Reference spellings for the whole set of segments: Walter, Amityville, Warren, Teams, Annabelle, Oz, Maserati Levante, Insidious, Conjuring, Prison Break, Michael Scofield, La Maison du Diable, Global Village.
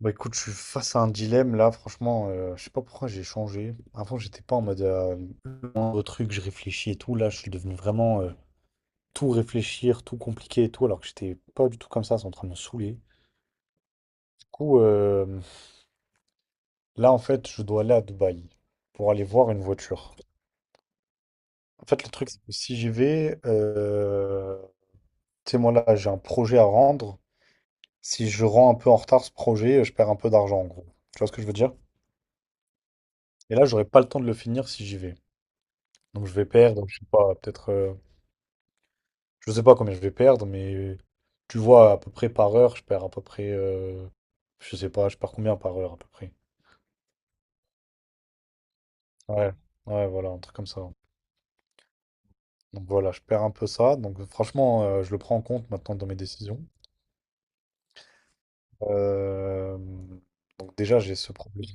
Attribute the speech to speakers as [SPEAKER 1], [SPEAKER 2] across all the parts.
[SPEAKER 1] Bah écoute, je suis face à un dilemme là, franchement, je sais pas pourquoi j'ai changé. Avant, j'étais pas en mode le truc, je réfléchis et tout. Là, je suis devenu vraiment tout réfléchir, tout compliqué et tout, alors que j'étais pas du tout comme ça, c'est en train de me saouler. Du coup, là, en fait, je dois aller à Dubaï pour aller voir une voiture. En fait, le truc, c'est que si j'y vais, tu sais, moi là, j'ai un projet à rendre. Si je rends un peu en retard ce projet, je perds un peu d'argent en gros. Tu vois ce que je veux dire? Et là, j'aurai pas le temps de le finir si j'y vais. Donc je vais perdre, je sais pas, peut-être, je sais pas combien je vais perdre, mais tu vois, à peu près par heure, je perds à peu près, je sais pas, je perds combien par heure à peu près. Ouais, ouais, voilà, un truc comme ça. Donc voilà, je perds un peu ça. Donc franchement, je le prends en compte maintenant dans mes décisions. Euh, donc déjà, j'ai ce problème.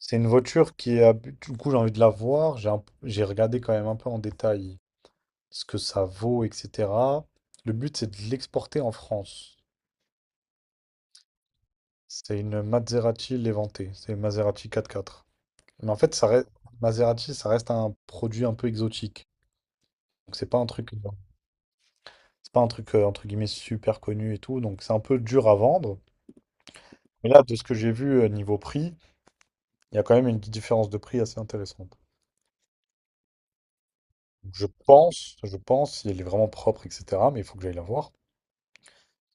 [SPEAKER 1] C'est une voiture qui est, du coup, j'ai envie de la voir. J'ai regardé quand même un peu en détail ce que ça vaut, etc. Le but, c'est de l'exporter en France. C'est une Maserati Levante, c'est une Maserati 4x4. Mais en fait, ça reste Maserati, ça reste un produit un peu exotique. Donc c'est pas un truc entre guillemets super connu et tout, donc c'est un peu dur à vendre. Mais là, de ce que j'ai vu niveau prix, il y a quand même une différence de prix assez intéressante. Donc, je pense, si elle est vraiment propre, etc. Mais il faut que j'aille la voir.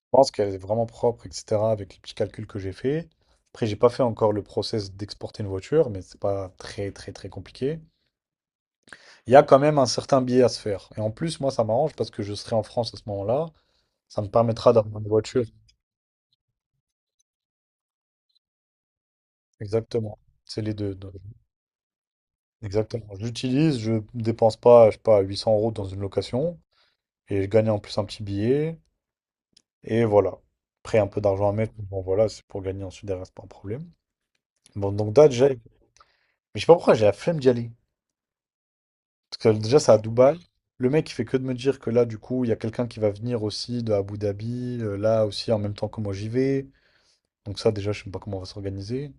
[SPEAKER 1] Je pense qu'elle est vraiment propre, etc. Avec les petits calculs que j'ai fait. Après, j'ai pas fait encore le process d'exporter une voiture, mais c'est pas très très très compliqué. Il y a quand même un certain billet à se faire. Et en plus, moi, ça m'arrange parce que je serai en France à ce moment-là. Ça me permettra d'avoir une voiture. Exactement. C'est les deux, donc. Exactement. Je l'utilise, je dépense pas, je sais pas, 800 euros dans une location. Et je gagne en plus un petit billet. Et voilà. Après, un peu d'argent à mettre, mais bon, voilà, c'est pour gagner ensuite derrière, c'est pas un problème. Bon, donc là, déjà, mais je sais pas pourquoi j'ai la flemme d'y aller. Parce que déjà, c'est à Dubaï. Le mec, il fait que de me dire que là, du coup, il y a quelqu'un qui va venir aussi de Abu Dhabi, là aussi, en même temps que moi, j'y vais. Donc ça, déjà, je sais pas comment on va s'organiser.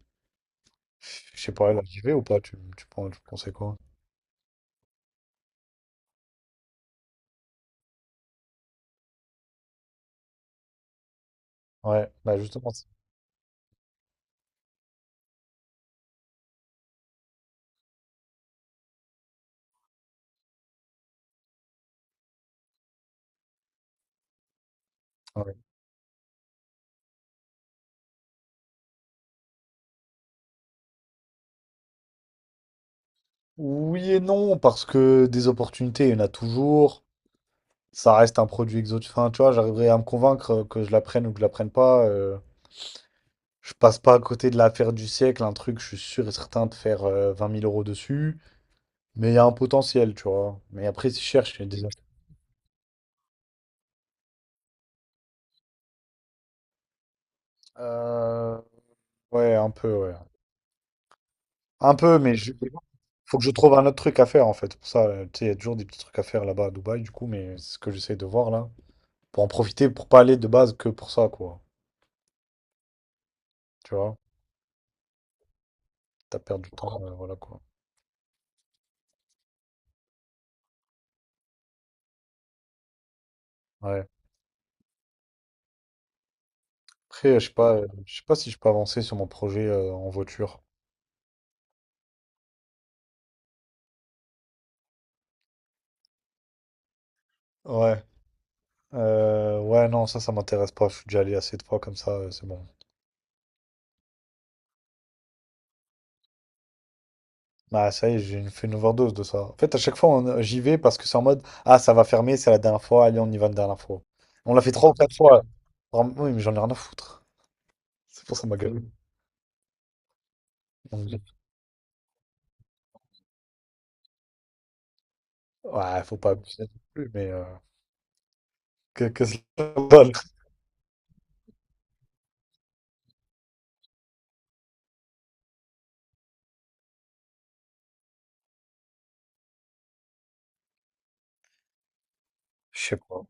[SPEAKER 1] Je sais pas, là, j'y vais ou pas? Tu pensais quoi? Ouais, bah justement. C'est- ouais. Oui et non, parce que des opportunités, il y en a toujours. Ça reste un produit exotique. Enfin, tu vois, j'arriverai à me convaincre que je la prenne ou que je la prenne pas. Je passe pas à côté de l'affaire du siècle, un truc, je suis sûr et certain de faire 20 000 euros dessus. Mais il y a un potentiel, tu vois. Mais après, si je cherche, il y a des... Euh, ouais, un peu, ouais. Un peu, mais faut que je trouve un autre truc à faire en fait. Pour ça, tu sais, il y a toujours des petits trucs à faire là-bas à Dubaï, du coup, mais c'est ce que j'essaie de voir là. Pour en profiter, pour pas aller de base que pour ça, quoi. Tu vois, t'as perdu du temps, voilà quoi. Ouais. Après, je sais pas si je peux avancer sur mon projet en voiture. Ouais. Ouais, non, ça m'intéresse pas. Je suis déjà allé assez de fois comme ça, c'est bon. Bah, ça y est, j'ai fait une overdose de ça. En fait, à chaque fois, j'y vais parce que c'est en mode, ah, ça va fermer, c'est la dernière fois, allez, on y va la dernière fois. On l'a fait trois ou quatre fois. Vraiment, oui, mais j'en ai rien à foutre. C'est pour ça ma gueule. Donc, ouais, faut pas abuser non plus, mais que cela donne. Je sais pas.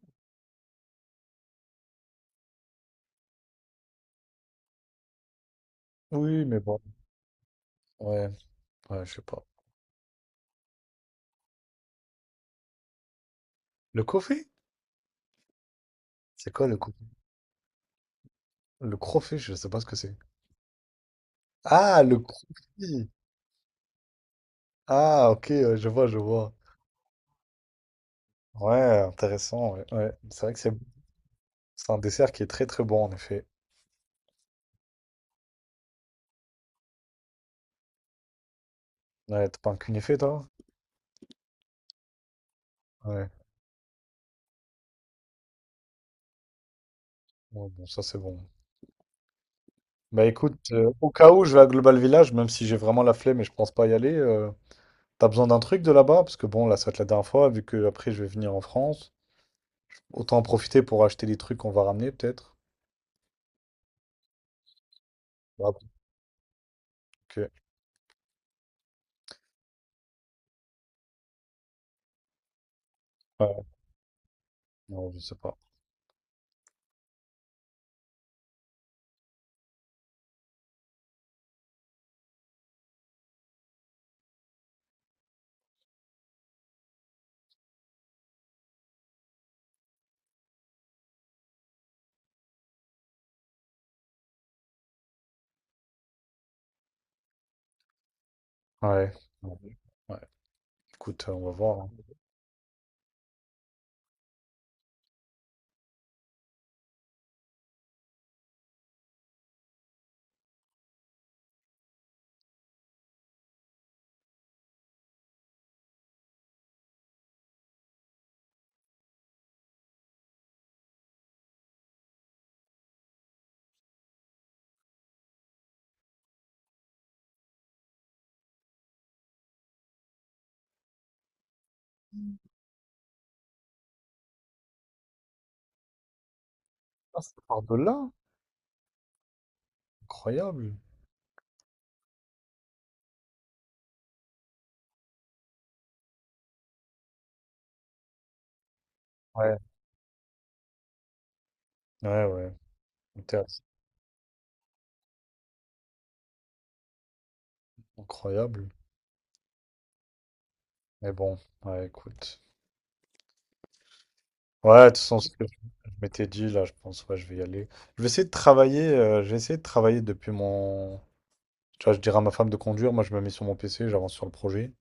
[SPEAKER 1] Oui, mais bon. Ouais, ouais, je sais pas. Le coffee? C'est quoi le coffee? Le crofet, je sais pas ce que c'est. Ah, le crofi. Ah, ok, ouais, je vois, je vois. Ouais, intéressant, ouais. Ouais. C'est vrai que c'est un dessert qui est très très bon en effet. Ouais, t'as pas un cunéfé, toi? Ouais. Ouais, bon, ça c'est bon. Bah écoute, au cas où je vais à Global Village, même si j'ai vraiment la flemme et je pense pas y aller, t'as besoin d'un truc de là-bas? Parce que bon, là ça va être la dernière fois, vu que après je vais venir en France. Autant en profiter pour acheter des trucs qu'on va ramener, peut-être. Bah, ok. Ouais, non, je sais pas. Ouais. Ouais. Ouais. Écoute, on va voir, hein. Ah, ça part de là? Incroyable. Ouais. Ouais, ouais. Inter- Incroyable. Mais bon, ouais, écoute. Ouais, de toute façon, si je m'étais dit, là, je pense, ouais, je vais y aller. Je vais essayer de travailler, j'ai essayé de travailler depuis mon. Tu vois, je dirais à ma femme de conduire, moi je me mets sur mon PC, j'avance sur le projet.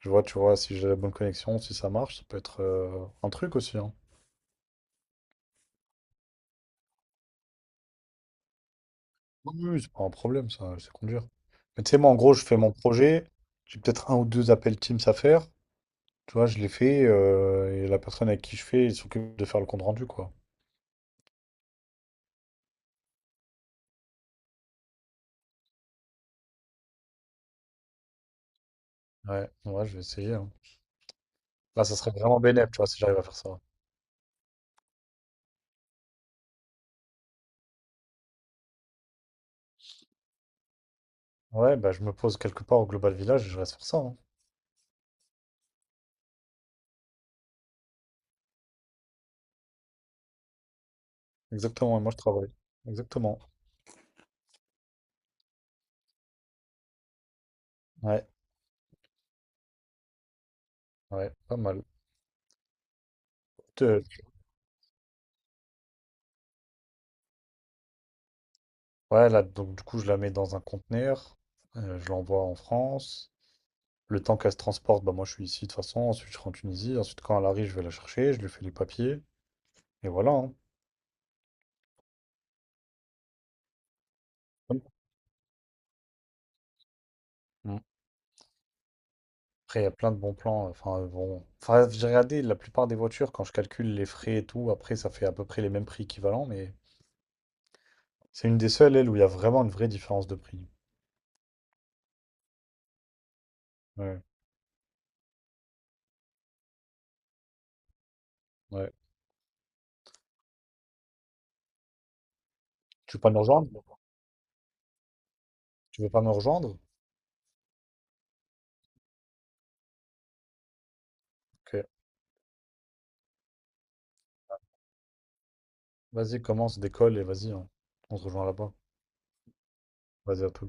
[SPEAKER 1] Je vois, tu vois, si j'ai la bonne connexion, si ça marche, ça peut être un truc aussi, hein. Oui, oui, oui, c'est pas un problème, ça, c'est conduire. Mais tu sais, moi, en gros, je fais mon projet, j'ai peut-être un ou deux appels Teams à faire, tu vois, je les fais, et la personne avec qui je fais, il s'occupe de faire le compte rendu, quoi. Ouais, ouais, je vais essayer, hein. Là, ça serait vraiment bénéf, tu vois, si j'arrive à faire ça. Ouais, bah, je me pose quelque part au Global Village et je reste faire ça, hein. Exactement, et moi je travaille. Exactement. Ouais, ouais, pas mal. Euh, ouais, là, donc du coup, je la mets dans un conteneur, je l'envoie en France. Le temps qu'elle se transporte, bah moi je suis ici de toute façon, ensuite je rentre en Tunisie, ensuite quand elle arrive, je vais la chercher, je lui fais les papiers, et voilà, hein. Mm. Après, il y a plein de bons plans. Enfin, bon. Enfin, j'ai regardé la plupart des voitures, quand je calcule les frais et tout, après ça fait à peu près les mêmes prix équivalents, mais c'est une des seules, elle, où il y a vraiment une vraie différence de prix. Ouais, ouais. Tu veux pas me rejoindre? Tu veux pas me rejoindre? Ok. Vas-y, commence, décolle et vas-y, on se rejoint là-bas. Vas-y, à tout.